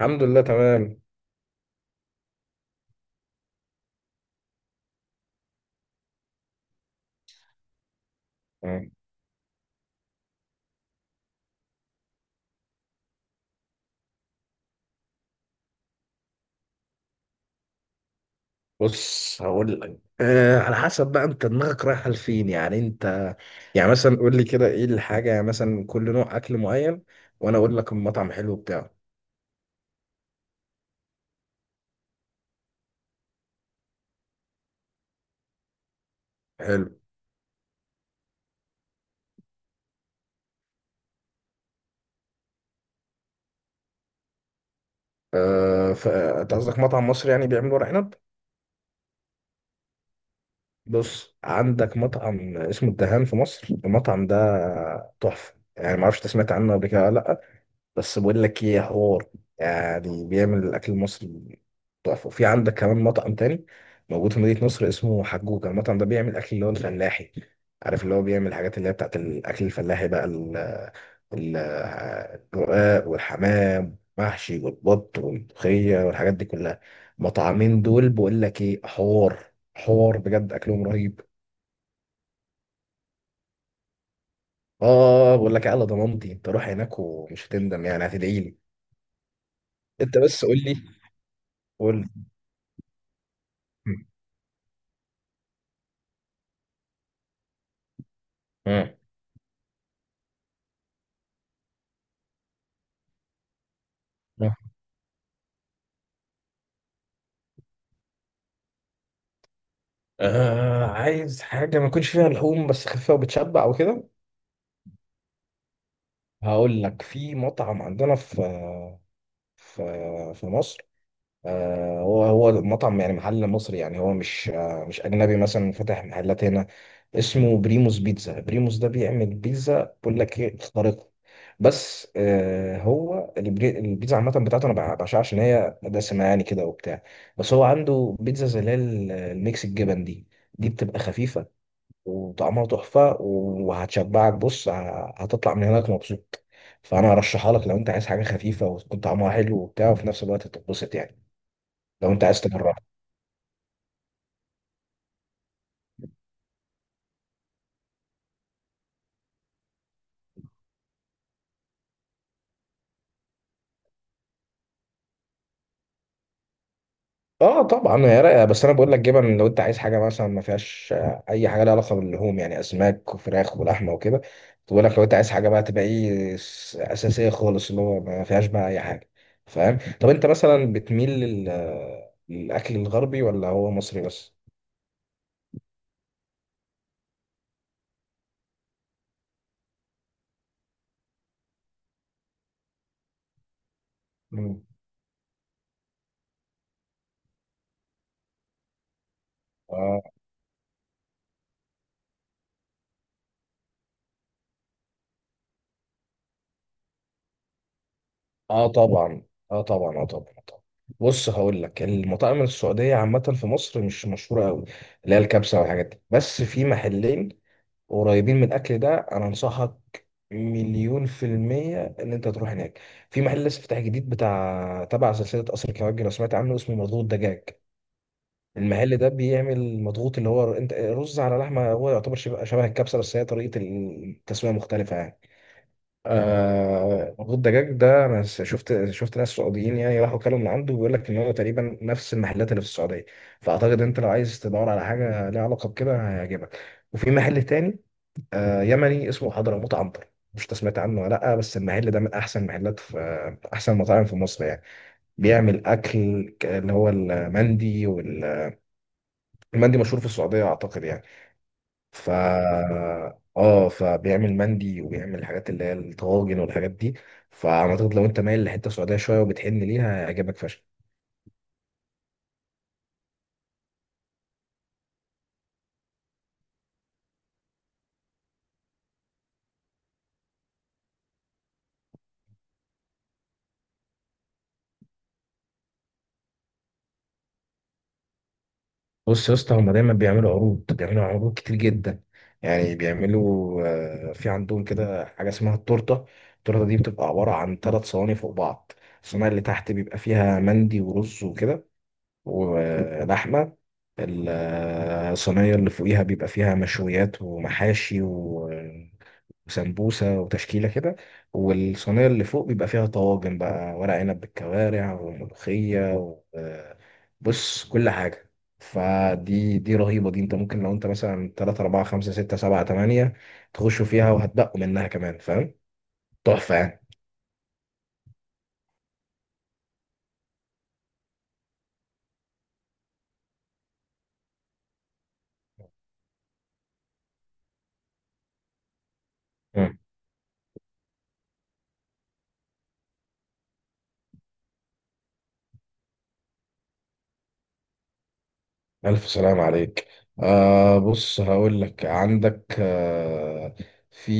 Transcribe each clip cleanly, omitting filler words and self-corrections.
الحمد لله تمام. مم. بص، هقول لك على حسب بقى انت دماغك رايحه لفين، يعني انت، يعني مثلا قول لي كده ايه الحاجه، يعني مثلا كل نوع اكل معين وانا اقول لك المطعم حلو بتاعه. حلو. انت قصدك مطعم مصري يعني بيعمل ورق عنب؟ بص، عندك مطعم اسمه الدهان في مصر، المطعم ده تحفه يعني، ما اعرفش انت سمعت عنه قبل كده ولا لا، بس بقول لك ايه حوار. يعني بيعمل الاكل المصري تحفه. وفي عندك كمان مطعم تاني موجود في مدينه نصر اسمه حجوجه. المطعم ده بيعمل اكل اللي هو الفلاحي، عارف؟ اللي هو بيعمل الحاجات اللي هي بتاعت الاكل الفلاحي بقى، ال- الرقاق والحمام محشي والبط والملوخيه والحاجات دي كلها. مطعمين دول بقول لك ايه حوار، حوار بجد، اكلهم رهيب. اه بقول لك إيه، على ضمانتي انت روح هناك ومش هتندم، يعني هتدعي لي. انت بس قول لي. قول لي. آه. آه، عايز حاجة ما يكونش فيها لحوم بس خفيفة وبتشبع وكده؟ هقول لك، في مطعم عندنا في في مصر. هو هو مطعم يعني، محل مصري يعني، هو مش مش أجنبي مثلا فاتح محلات هنا، اسمه بريموس بيتزا. بريموس ده بيعمل بيتزا بقول لك ايه، خارقة. بس هو البيتزا عامة بتاعته أنا بعشقها عشان هي دسمة يعني كده وبتاع. بس هو عنده بيتزا زي اللي هي الميكس الجبن دي دي بتبقى خفيفة وطعمها تحفة وهتشبعك. بص هتطلع من هناك مبسوط. فأنا هرشحها لك لو أنت عايز حاجة خفيفة وتكون طعمها حلو وبتاع وفي نفس الوقت تتبسط يعني، لو أنت عايز تجربها. اه طبعا، هي رايقه، بس انا بقول لك جبن. لو انت عايز حاجه مثلا ما فيهاش اي حاجه لها علاقه باللحوم يعني اسماك وفراخ ولحمه وكده، بقول لك لو انت عايز حاجه بقى تبقى ايه اساسيه خالص، اللي هو ما فيهاش بقى اي حاجه، فاهم؟ طب انت مثلا بتميل للاكل الغربي ولا هو مصري بس؟ مم. اه طبعا، اه طبعا، اه طبعا، آه طبعا. بص، هقول لك، المطاعم السعوديه عامه في مصر مش مشهوره قوي، اللي هي الكبسه والحاجات دي، بس في محلين قريبين من الاكل ده، انا انصحك مليون في المية إن أنت تروح هناك. في محل لسه فتح جديد، بتاع تبع سلسلة قصر الكبابجي، لو سمعت عنه، اسمه مضغوط دجاج. المحل ده بيعمل مضغوط، اللي هو أنت رز على لحمة، هو يعتبر شبه شبه الكبسة، بس هي طريقة التسوية مختلفة يعني. مخ الدجاج ده انا شفت ناس سعوديين يعني راحوا كلوا من عنده، بيقول لك ان هو تقريبا نفس المحلات اللي في السعوديه. فاعتقد انت لو عايز تدور على حاجه ليها علاقه بكده هيعجبك. وفي محل تاني، يمني، اسمه حضرموت عنتر، مش إنت سمعت عنه ولا لا؟ بس المحل ده من احسن المحلات في احسن المطاعم في مصر يعني. بيعمل اكل اللي هو المندي، والمندي مشهور في السعوديه اعتقد يعني. ف اه فبيعمل مندي وبيعمل الحاجات اللي هي الطواجن والحاجات دي. فاعتقد لو انت مايل لحته سعوديه شويه وبتحن ليها هيعجبك فشخ. بص يا اسطى، هما دايما بيعملوا عروض، بيعملوا عروض كتير جدا، يعني بيعملوا في عندهم كده حاجه اسمها التورته. التورته دي بتبقى عباره عن ثلاث صواني فوق بعض. الصينيه اللي تحت بيبقى فيها مندي ورز وكده ولحمه. الصينيه اللي فوقيها بيبقى فيها مشويات ومحاشي وسمبوسة وتشكيلة كده. والصينية اللي فوق بيبقى فيها طواجن بقى، ورق عنب بالكوارع وملوخية و... بص، كل حاجة. فدي دي رهيبة. دي انت ممكن لو انت مثلا 3 4 5 6 7 8 تخشوا فيها وهتبقوا منها كمان، فاهم؟ تحفة يعني. مم. ألف سلام عليك. بص، هقول لك، عندك آه في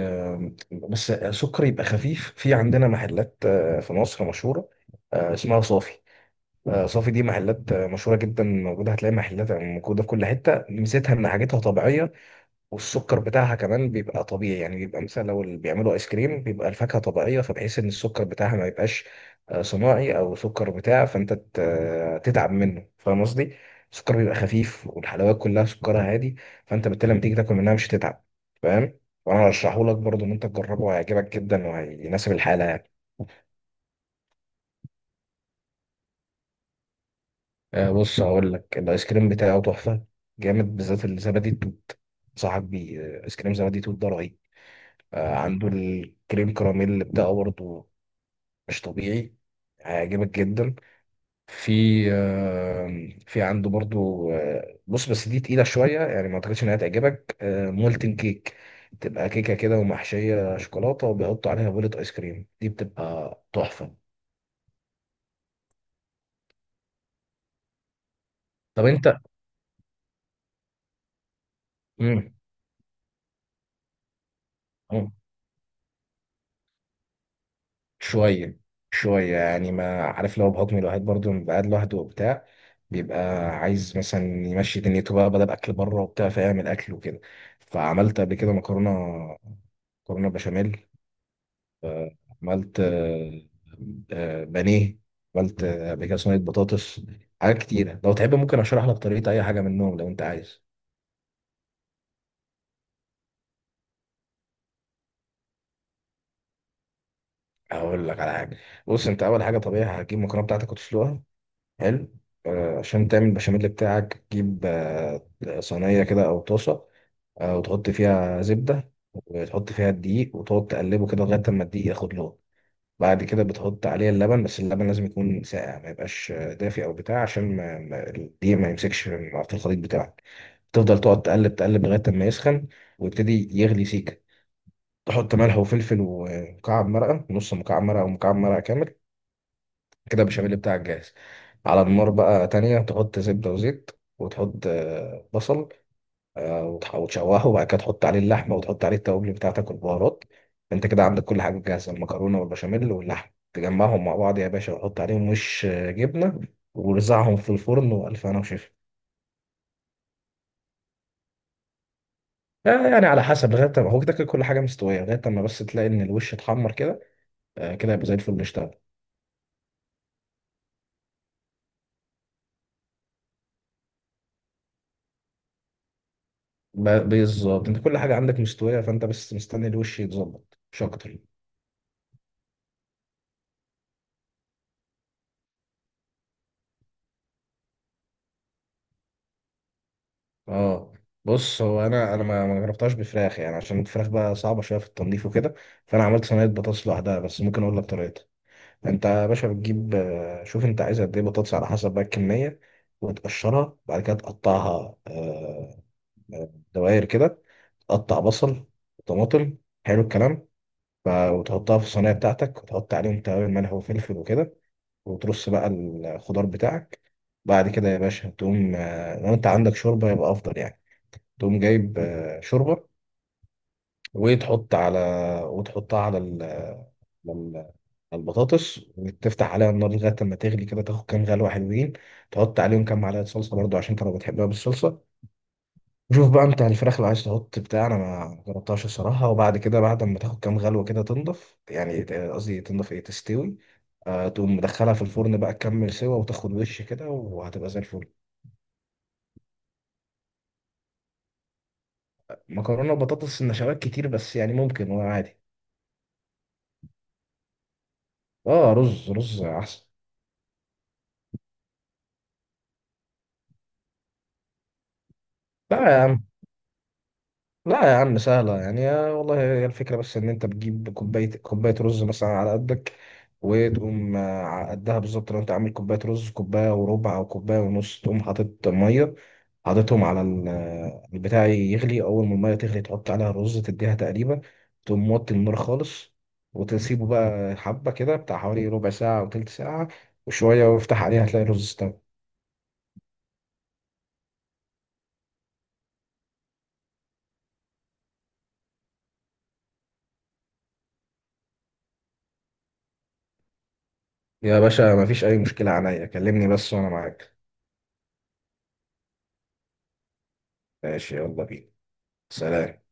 آه بس سكر يبقى خفيف، في عندنا محلات في مصر مشهورة، اسمها صافي. صافي دي محلات مشهورة جدا موجودة، هتلاقي محلات موجودة في كل حتة، ميزتها إن حاجتها طبيعية والسكر بتاعها كمان بيبقى طبيعي. يعني بيبقى مثلا لو اللي بيعملوا آيس كريم، بيبقى الفاكهة طبيعية، فبحيث إن السكر بتاعها ما يبقاش صناعي أو سكر بتاع فأنت تتعب منه، فاهم قصدي؟ السكر بيبقى خفيف والحلويات كلها سكرها هادي، فأنت بالتالي لما تيجي تاكل منها مش هتتعب، فاهم؟ وأنا هرشحهولك برضه إن أنت تجربه، هيعجبك جدا وهيناسب الحالة يعني. بص، هقول لك، الايس كريم بتاعه تحفه جامد، بالذات الزبادي التوت. انصحك بيه، ايس كريم زبادي توت ده رهيب. عنده الكريم كراميل اللي بتاعه برضه مش طبيعي، هيعجبك جدا. في في عنده برضه، بص بس دي تقيله شويه يعني، ما اعتقدش انها تعجبك، مولتن كيك، تبقى كيكه كده ومحشيه شوكولاته وبيحطوا عليها بولة ايس كريم، دي بتبقى تحفه. طب انت. مم. شوية شوية يعني، ما عارف، لو بحكم الواحد برضه بيبقى قاعد لوحده وبتاع، بيبقى عايز مثلا يمشي دنيته بقى بدل أكل بره وبتاع فيعمل أكل وكده. فعملت قبل كده مكرونة، مكرونة بشاميل، عملت بانيه، عملت قبل كده صينية بطاطس، حاجات كتيرة. لو تحب ممكن أشرح لك طريقة أي حاجة منهم، لو أنت عايز أقول لك على حاجة. بص، أنت أول حاجة طبيعي هتجيب المكرونة بتاعتك وتسلقها. حلو. عشان تعمل البشاميل بتاعك تجيب صينية كده أو طاسة، وتحط فيها زبدة وتحط فيها الدقيق وتقعد تقلبه كده لغاية ما الدقيق ياخد لون. بعد كده بتحط عليه اللبن، بس اللبن لازم يكون ساقع، ما يبقاش دافي أو بتاع، عشان الدقيق ما يمسكش في الخليط بتاعك. تفضل تقعد تقلب تقلب لغاية ما يسخن ويبتدي يغلي سيكة. تحط ملح وفلفل ومكعب مرقة، نص مكعب مرقة أو مكعب مرقة كامل، كده البشاميل بتاعك جاهز. على النار بقى تانية تحط زبدة وزيت وتحط بصل، وتشوحه، وبعد كده تحط عليه اللحمة وتحط عليه التوابل بتاعتك والبهارات. انت كده عندك كل حاجة جاهزة، المكرونة والبشاميل واللحمة، تجمعهم مع بعض يا باشا وحط عليهم وش جبنة ورزعهم في الفرن وألف هنا وشفا. يعني على حسب، لغاية ما هو كده كده كل حاجة مستوية، لغاية ما بس تلاقي إن الوش اتحمر كده، كده يبقى زي الفل اشتغل. بالظبط، انت كل حاجة عندك مستوية فانت بس مستني الوش يتظبط مش أكتر. اه بص، هو انا ما جربتهاش بفراخ يعني، عشان الفراخ بقى صعبه شويه في التنظيف وكده، فانا عملت صينيه بطاطس لوحدها، بس ممكن اقول لك طريقتها. انت يا باشا بتجيب شوف انت عايز قد ايه بطاطس، على حسب بقى الكميه، وتقشرها. بعد كده تقطعها دوائر كده، تقطع بصل وطماطم. حلو الكلام. وتحطها في الصينيه بتاعتك، وتحط عليهم توابل ملح وفلفل وكده، وترص بقى الخضار بتاعك. بعد كده يا باشا تقوم، لو انت عندك شوربه يبقى افضل يعني، تقوم جايب شوربه وتحط على وتحطها على لل- على البطاطس وتفتح عليها النار لغايه ما تغلي كده، تاخد كام غلوه حلوين. تحط عليهم كام معلقه صلصه برضو، عشان انت لو بتحبها بالصلصه. وشوف بقى انت الفراخ اللي عايز تحط بتاع، انا ما جربتهاش الصراحه. وبعد كده بعد ما تاخد كام غلوه كده تنضف يعني، قصدي تنضف ايه، تستوي، تقوم مدخلها في الفرن بقى، تكمل سوا وتاخد وش كده وهتبقى زي الفل. مكرونه وبطاطس النشويات كتير بس، يعني ممكن وعادي. اه، رز رز احسن. لا يا عم، لا يا عم، سهلة يعني يا والله. هي الفكرة بس إن أنت بتجيب كوباية، كوباية رز مثلا على قدك، وتقوم على قدها بالظبط، لو أنت عامل كوباية رز كوباية وربع أو كوباية ونص تقوم حاطط مية. حاططهم على البتاع يغلي، أول ما المية تغلي تحط عليها الرز، تديها تقريبا، تقوم موطي النار خالص وتسيبه بقى حبة كده بتاع حوالي ربع ساعة أو تلت ساعة وشوية، وافتح عليها هتلاقي الرز استوى. يا باشا مفيش أي مشكلة، عليا كلمني بس وأنا معاك. ماشي، يلا بينا. سلام.